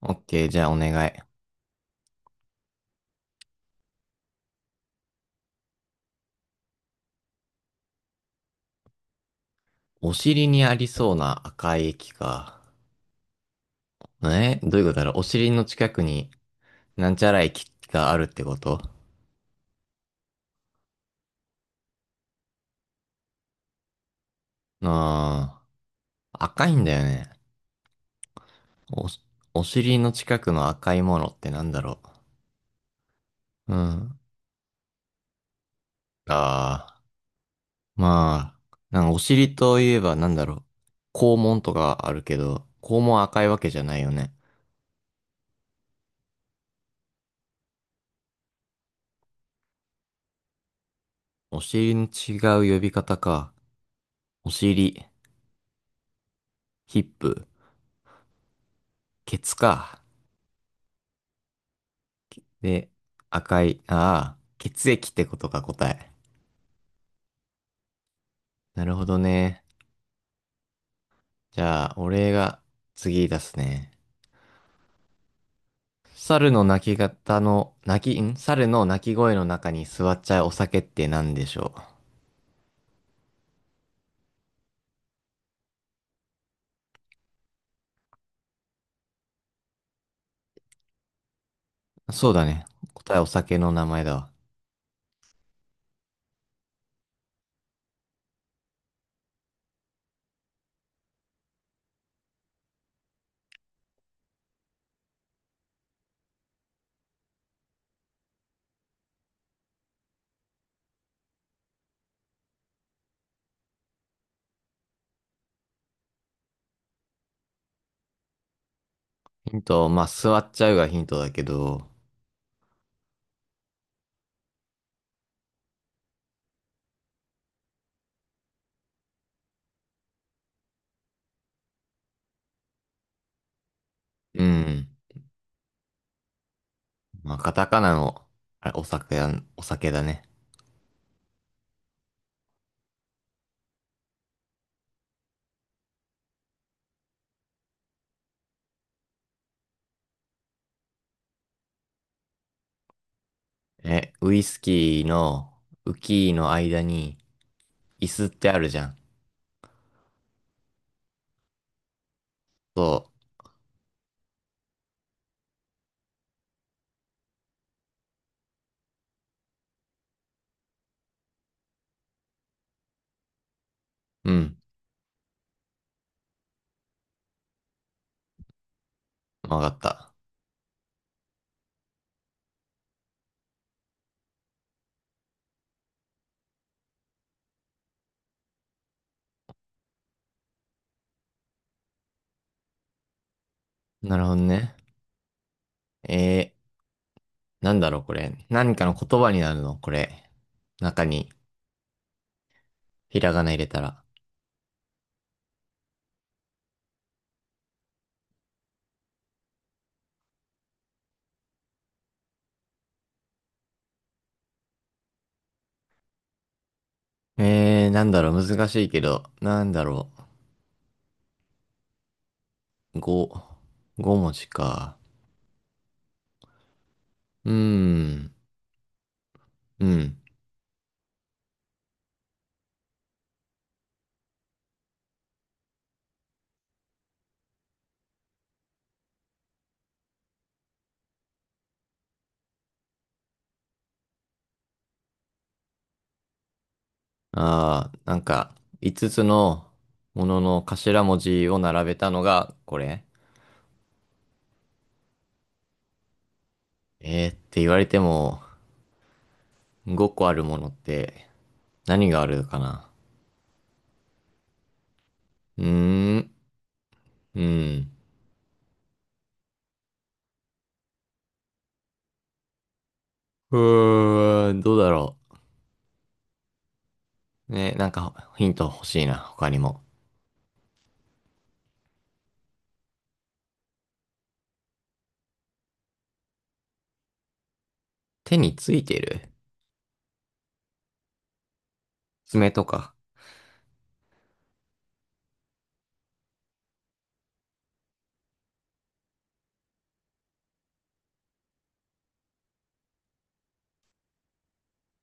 オッケー、じゃあお願い。お尻にありそうな赤い液か。どういうことだろう？お尻の近くに、なんちゃら液があるってこと？ああ、赤いんだよね。お、お尻の近くの赤いものってなんだろう？うん。ああ、まあ、なんかお尻といえばなんだろう？肛門とかあるけど、肛門は赤いわけじゃないよね。お尻の違う呼び方か。お尻、ヒップ、ケツか。で、赤い、ああ、血液ってことか、答え。なるほどね。じゃあ、俺が次出すね。猿の鳴き方の、鳴き、猿の鳴き声の中に座っちゃうお酒って何でしょう？そうだね。答えお酒の名前だわ。ヒント、まあ、座っちゃうがヒントだけど、うん。まあ、カタカナの、あれ、お酒や、お酒だね。え、ウイスキーの、ウキーの間に、椅子ってあるじゃん。そう。うん。わかった。なるほどね。えー、なんだろう、これ。何かの言葉になるの、これ？中に、ひらがな入れたら。えー、なんだろう、難しいけど、なんだろう。ご、ご文字か。うーん、うん。あー、なんか、五つつのものの頭文字を並べたのが、これ？えーって言われても、五個あるものって、何があるかな。うーん、うん。うーん、どうだろう。ね、なんかヒント欲しいな、他にも。手についてる爪とか。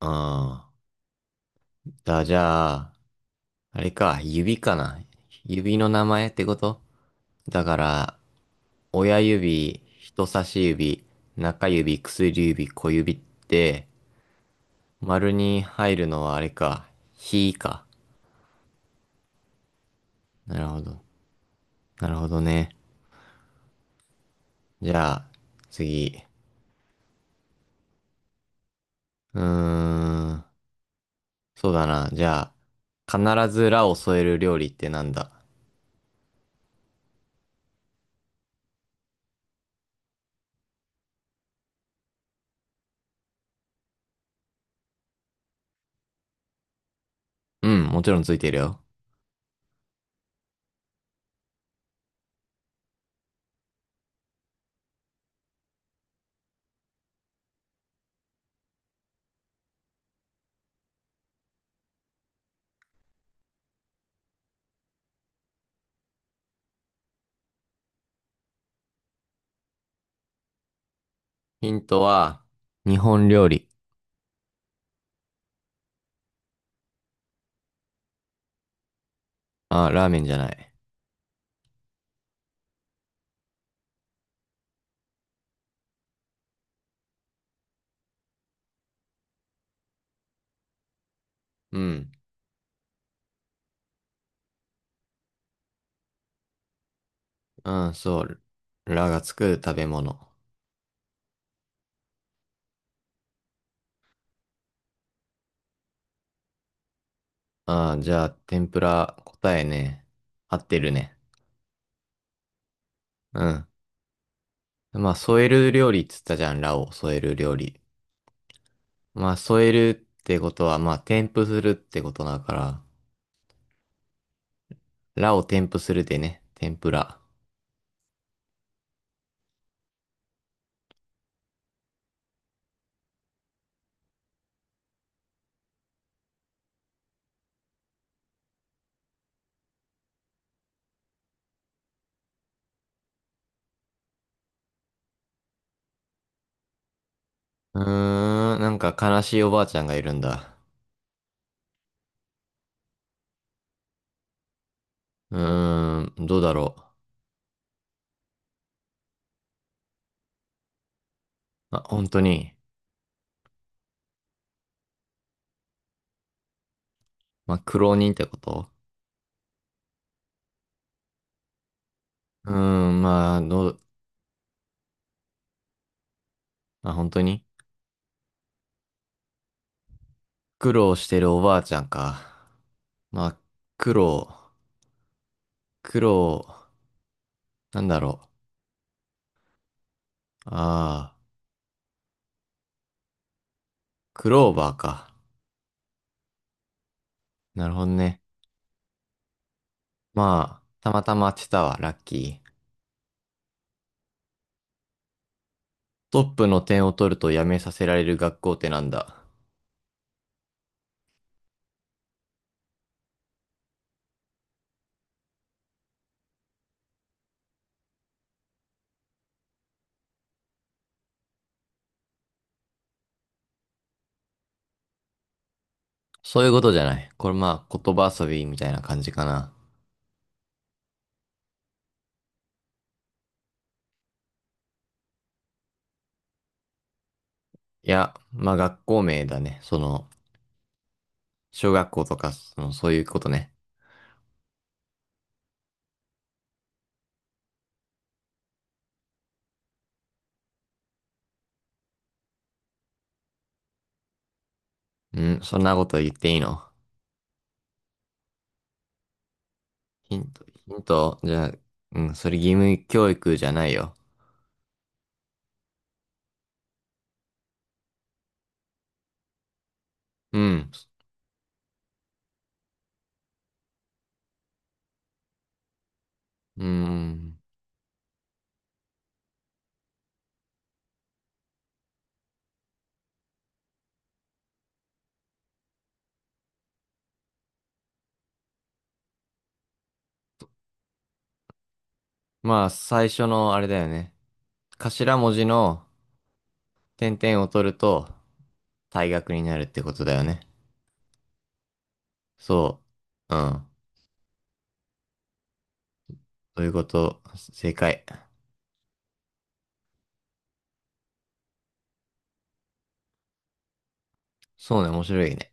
ああ。だ、じゃあ、あれか、指かな。指の名前ってことだから、親指、人差し指、中指、薬指、小指って、丸に入るのはあれか、ひか。なるほど。なるほどね。じゃあ、次。うーん。そうだな。じゃあ、必ずらを添える料理ってなんだ？うん、もちろんついてるよ。ヒントは、日本料理。あ、ラーメンじゃない。うん。うん、そう。ラがつく食べ物。あ、じゃあ、天ぷら答えね。合ってるね。うん。まあ、添える料理っつったじゃん、ラを添える料理。まあ、添えるってことは、まあ、添付するってことだから、ラを添付するでね、天ぷら。うーん、なんか悲しいおばあちゃんがいるんだ。うーん、どうだろう。あ、本当に？まあ、苦労人ってこと？うーん、まあ、どう、まあ本当に苦労してるおばあちゃんか。まあ、苦労、苦労、なんだろう。ああ、クローバーか。なるほどね。まあ、たまたま当てたわ、ラッキー。トップの点を取ると辞めさせられる学校ってなんだ。そういうことじゃない。これまあ、言葉遊びみたいな感じかな。いや、まあ学校名だね。その、小学校とか、その、そういうことね。うん、そんなこと言っていいの？ヒント、ヒント、じゃあ、うん、それ義務教育じゃないよ。うん。うん。まあ、最初のあれだよね。頭文字の点々を取ると、退学になるってことだよね。そう。うん。そういうこと、正解。そうね、面白いね。